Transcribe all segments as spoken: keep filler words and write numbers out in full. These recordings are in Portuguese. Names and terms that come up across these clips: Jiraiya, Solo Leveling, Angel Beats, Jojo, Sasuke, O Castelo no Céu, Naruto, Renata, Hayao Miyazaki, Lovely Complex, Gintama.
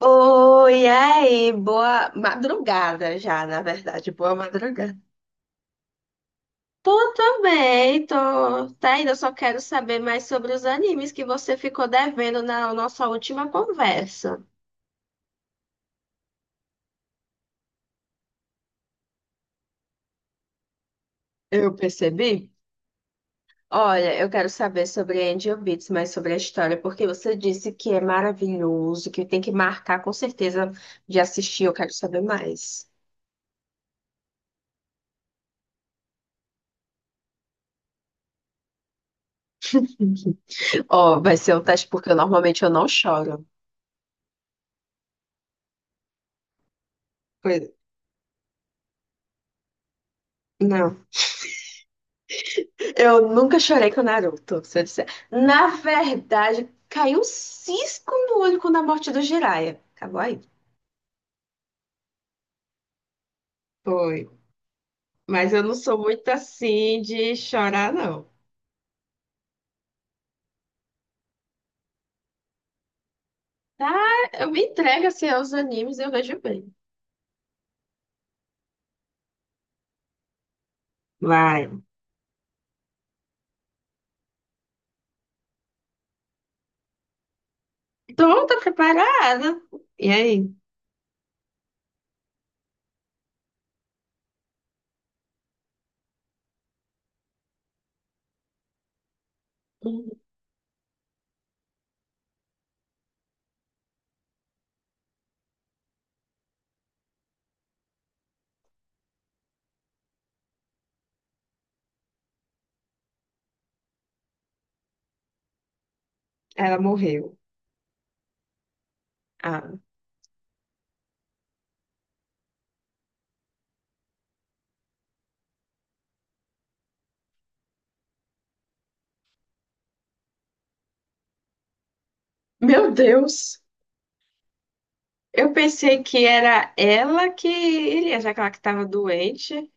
Oi, aí, boa madrugada já, na verdade, boa madrugada. Tô também, tô. Tá ainda, só quero saber mais sobre os animes que você ficou devendo na nossa última conversa. Eu percebi? Olha, eu quero saber sobre Angel Beats, mas sobre a história, porque você disse que é maravilhoso, que tem que marcar com certeza de assistir, eu quero saber mais. Ó, vai ser um teste porque eu, normalmente eu não choro. Pois- Não. Eu nunca chorei com o Naruto, se eu disser. Na verdade, caiu um cisco no olho com a morte do Jiraiya. Acabou aí. Foi. Mas eu não sou muito assim de chorar, não. Tá, eu me entrego assim aos animes e eu vejo bem. Vai. Tô, tô preparada. E aí? Hum. Ela morreu. Ah, meu Deus. Eu pensei que era ela que iria, já que ela que estava doente.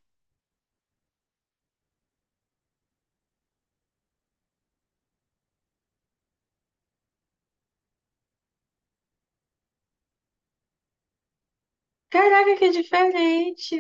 Caraca, que diferente.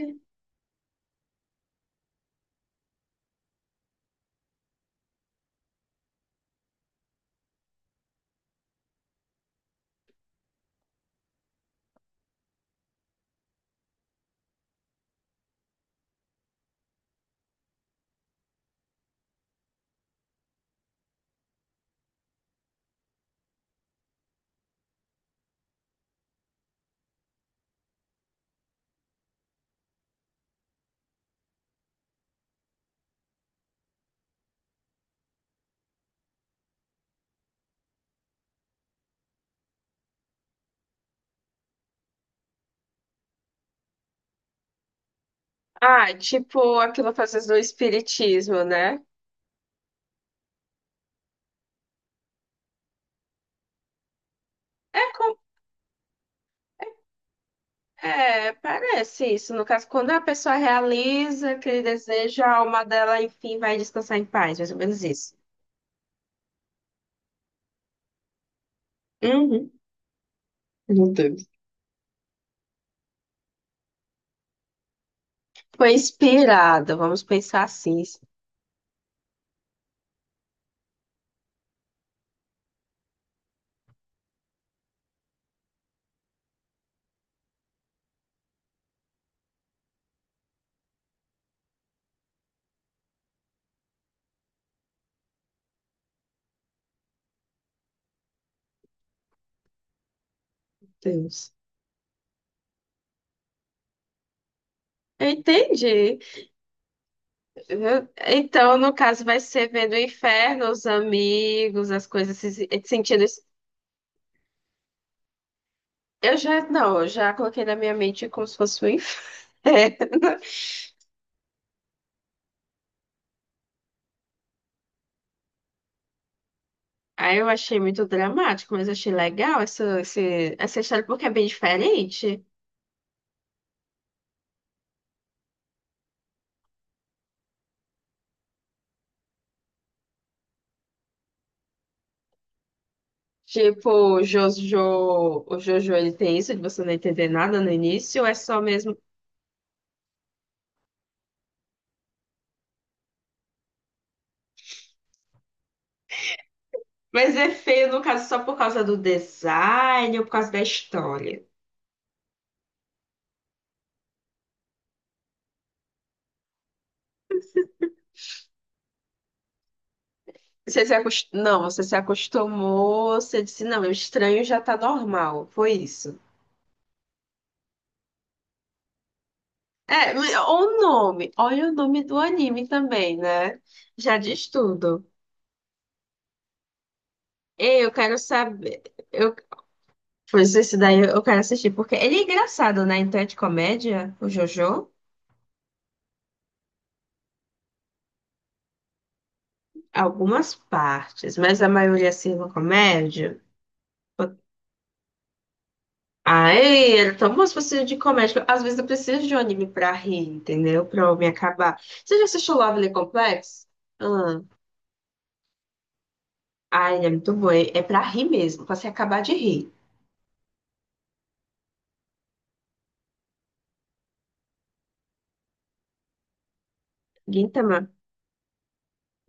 Ah, tipo aquilo que às vezes do espiritismo, né? É, com- é, parece isso. No caso, quando a pessoa realiza aquele desejo, a alma dela, enfim, vai descansar em paz, mais ou menos isso. Uhum. Meu Deus. Foi inspirada, vamos pensar assim, meu Deus. Eu entendi. Eu- Então, no caso, vai ser vendo o inferno, os amigos, as coisas, se- sentindo. Isso. Eu já, não, eu já coloquei na minha mente como se fosse o inferno. Aí eu achei muito dramático, mas achei legal essa, esse- essa história porque é bem diferente. Tipo, o Jojo, o Jojo ele tem isso de você não entender nada no início, é só mesmo. Mas é feio, no caso, só por causa do design ou por causa da história. Você se acost... Não, você se acostumou, você disse, não, o estranho já tá normal. Foi isso. É, o nome, olha o nome do anime também, né? Já diz tudo. Ei, eu quero saber. Eu Pois esse daí eu quero assistir, porque ele é engraçado, né? Então é de comédia, o Jojo, algumas partes, mas a maioria assim é uma comédia. Ai, era tão bom se pastilhas de comédia. Às vezes eu preciso de um anime pra rir, entendeu? Pra eu me acabar. Você já assistiu Lovely Complex? Ah, ai, ele é muito bom. É é pra rir mesmo, pra se acabar de rir. Gintama.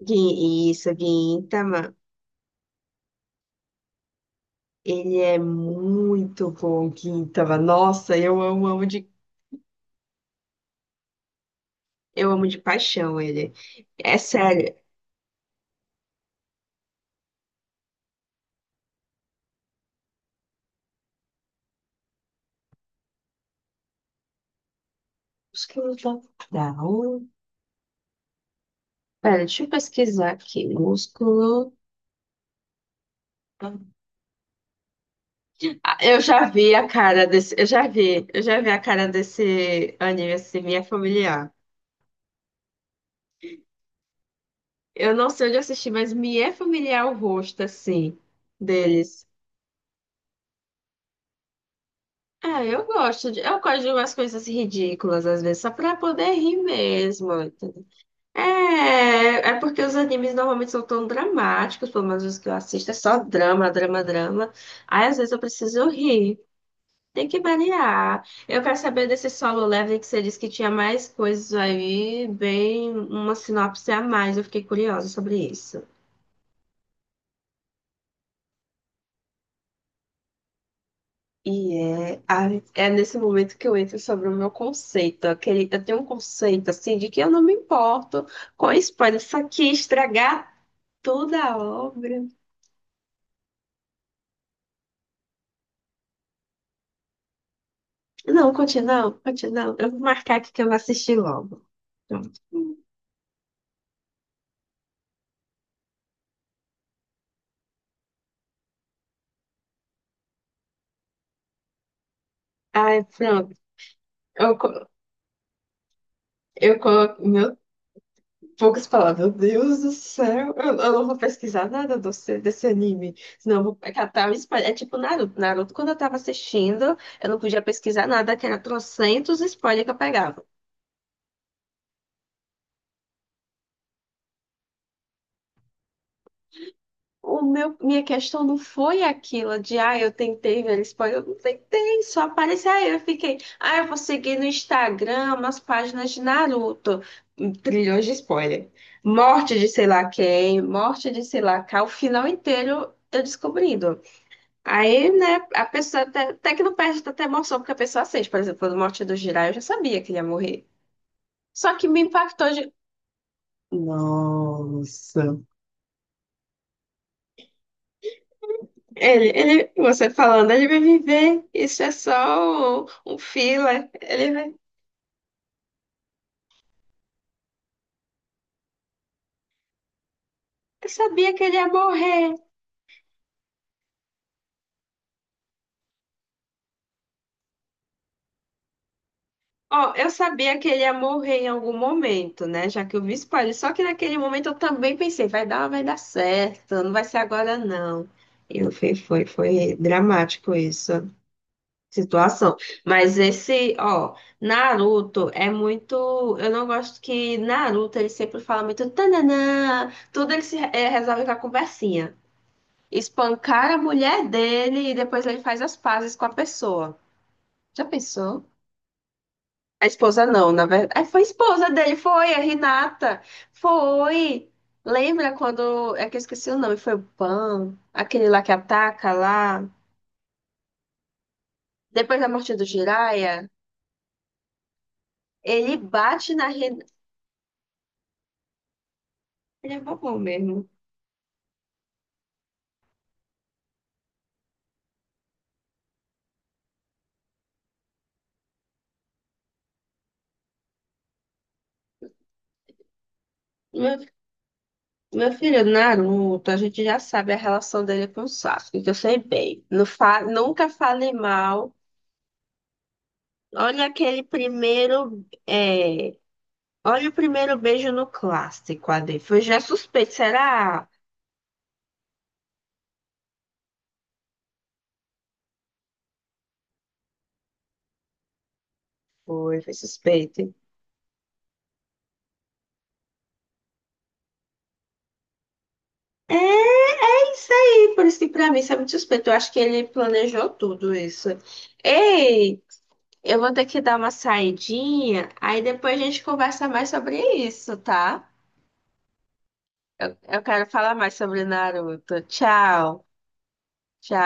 Gin, isso, Gintama. Ele é muito bom, Gintama. Nossa, eu amo, amo de... Eu amo de paixão ele. É sério. Músculo total. Pera, deixa eu pesquisar aqui. Músculo. Ah, eu já vi a cara desse. Eu já vi. Eu já vi a cara desse anime assim, me é familiar. Eu não sei onde eu assisti, mas me é familiar o rosto assim deles. Ah, eu gosto de. Eu gosto de umas coisas ridículas às vezes, só pra poder rir mesmo. É, é porque os animes normalmente são tão dramáticos, pelo menos os que eu assisto, é só drama, drama, drama. Aí às vezes eu preciso rir. Tem que variar. Eu quero saber desse Solo Leveling que você disse que tinha mais coisas aí, bem uma sinopse a mais. Eu fiquei curiosa sobre isso. E é, a- é nesse momento que eu entro sobre o meu conceito. Aquele, eu tenho um conceito assim de que eu não me importo com spoiler, isso aqui estragar toda a obra. Não, continua, continua. Eu vou marcar aqui que eu vou assistir logo. Pronto. Ai, pronto. Eu, co- eu coloco. Meu, poucas palavras. Meu Deus do céu. Eu, eu não vou pesquisar nada desse, desse anime. Senão eu vou catar o spoiler. É tipo Naruto. Naruto, quando eu tava assistindo, eu não podia pesquisar nada, que era trocentos spoilers que eu pegava. O meu, minha questão não foi aquilo de, ah, eu tentei ver spoiler, eu não tentei, só apareceu, aí eu fiquei, ah, eu vou seguir no Instagram umas páginas de Naruto, trilhões de spoiler, morte de sei lá quem, morte de sei lá cá, o final inteiro eu descobrindo. Aí, né, a pessoa até, até que não perde tanta emoção, porque a pessoa sente, por exemplo, a morte do Jiraiya, eu já sabia que ele ia morrer, só que me impactou de, nossa... Ele, ele, você falando, ele vai viver, isso é só um, um filler. Ele vai, eu sabia que ele ia morrer. Ó, eu sabia que ele ia morrer em algum momento, né? Já que eu vi spoiler. Só que naquele momento eu também pensei, vai dar, vai dar certo, não vai ser agora, não. E eu fui- foi, foi dramático isso, situação. Mas esse, ó, Naruto é muito... Eu não gosto que Naruto ele sempre fala muito tananã, tudo ele se, eh, resolve com a conversinha. Espancar a mulher dele e depois ele faz as pazes com a pessoa. Já pensou? A esposa não, na verdade. Ah, foi a esposa dele, foi a Renata. Foi. Lembra quando... É que eu esqueci o nome, foi o Pan, aquele lá que ataca lá. Depois da morte do Jiraiya, ele bate na Renata. Ele é bobão mesmo. Meu, meu filho, Naruto, a gente já sabe a relação dele com o Sasuke, que eu sei bem. Não fa... Nunca fale mal. Olha aquele primeiro. É, olha o primeiro beijo no clássico, Ade. Foi já suspeito, será? Foi, foi suspeito. É isso aí, por isso que pra mim isso é muito suspeito. Eu acho que ele planejou tudo isso. Ei, eu vou ter que dar uma saidinha, aí depois a gente conversa mais sobre isso, tá? Eu quero falar mais sobre Naruto. Tchau, tchau.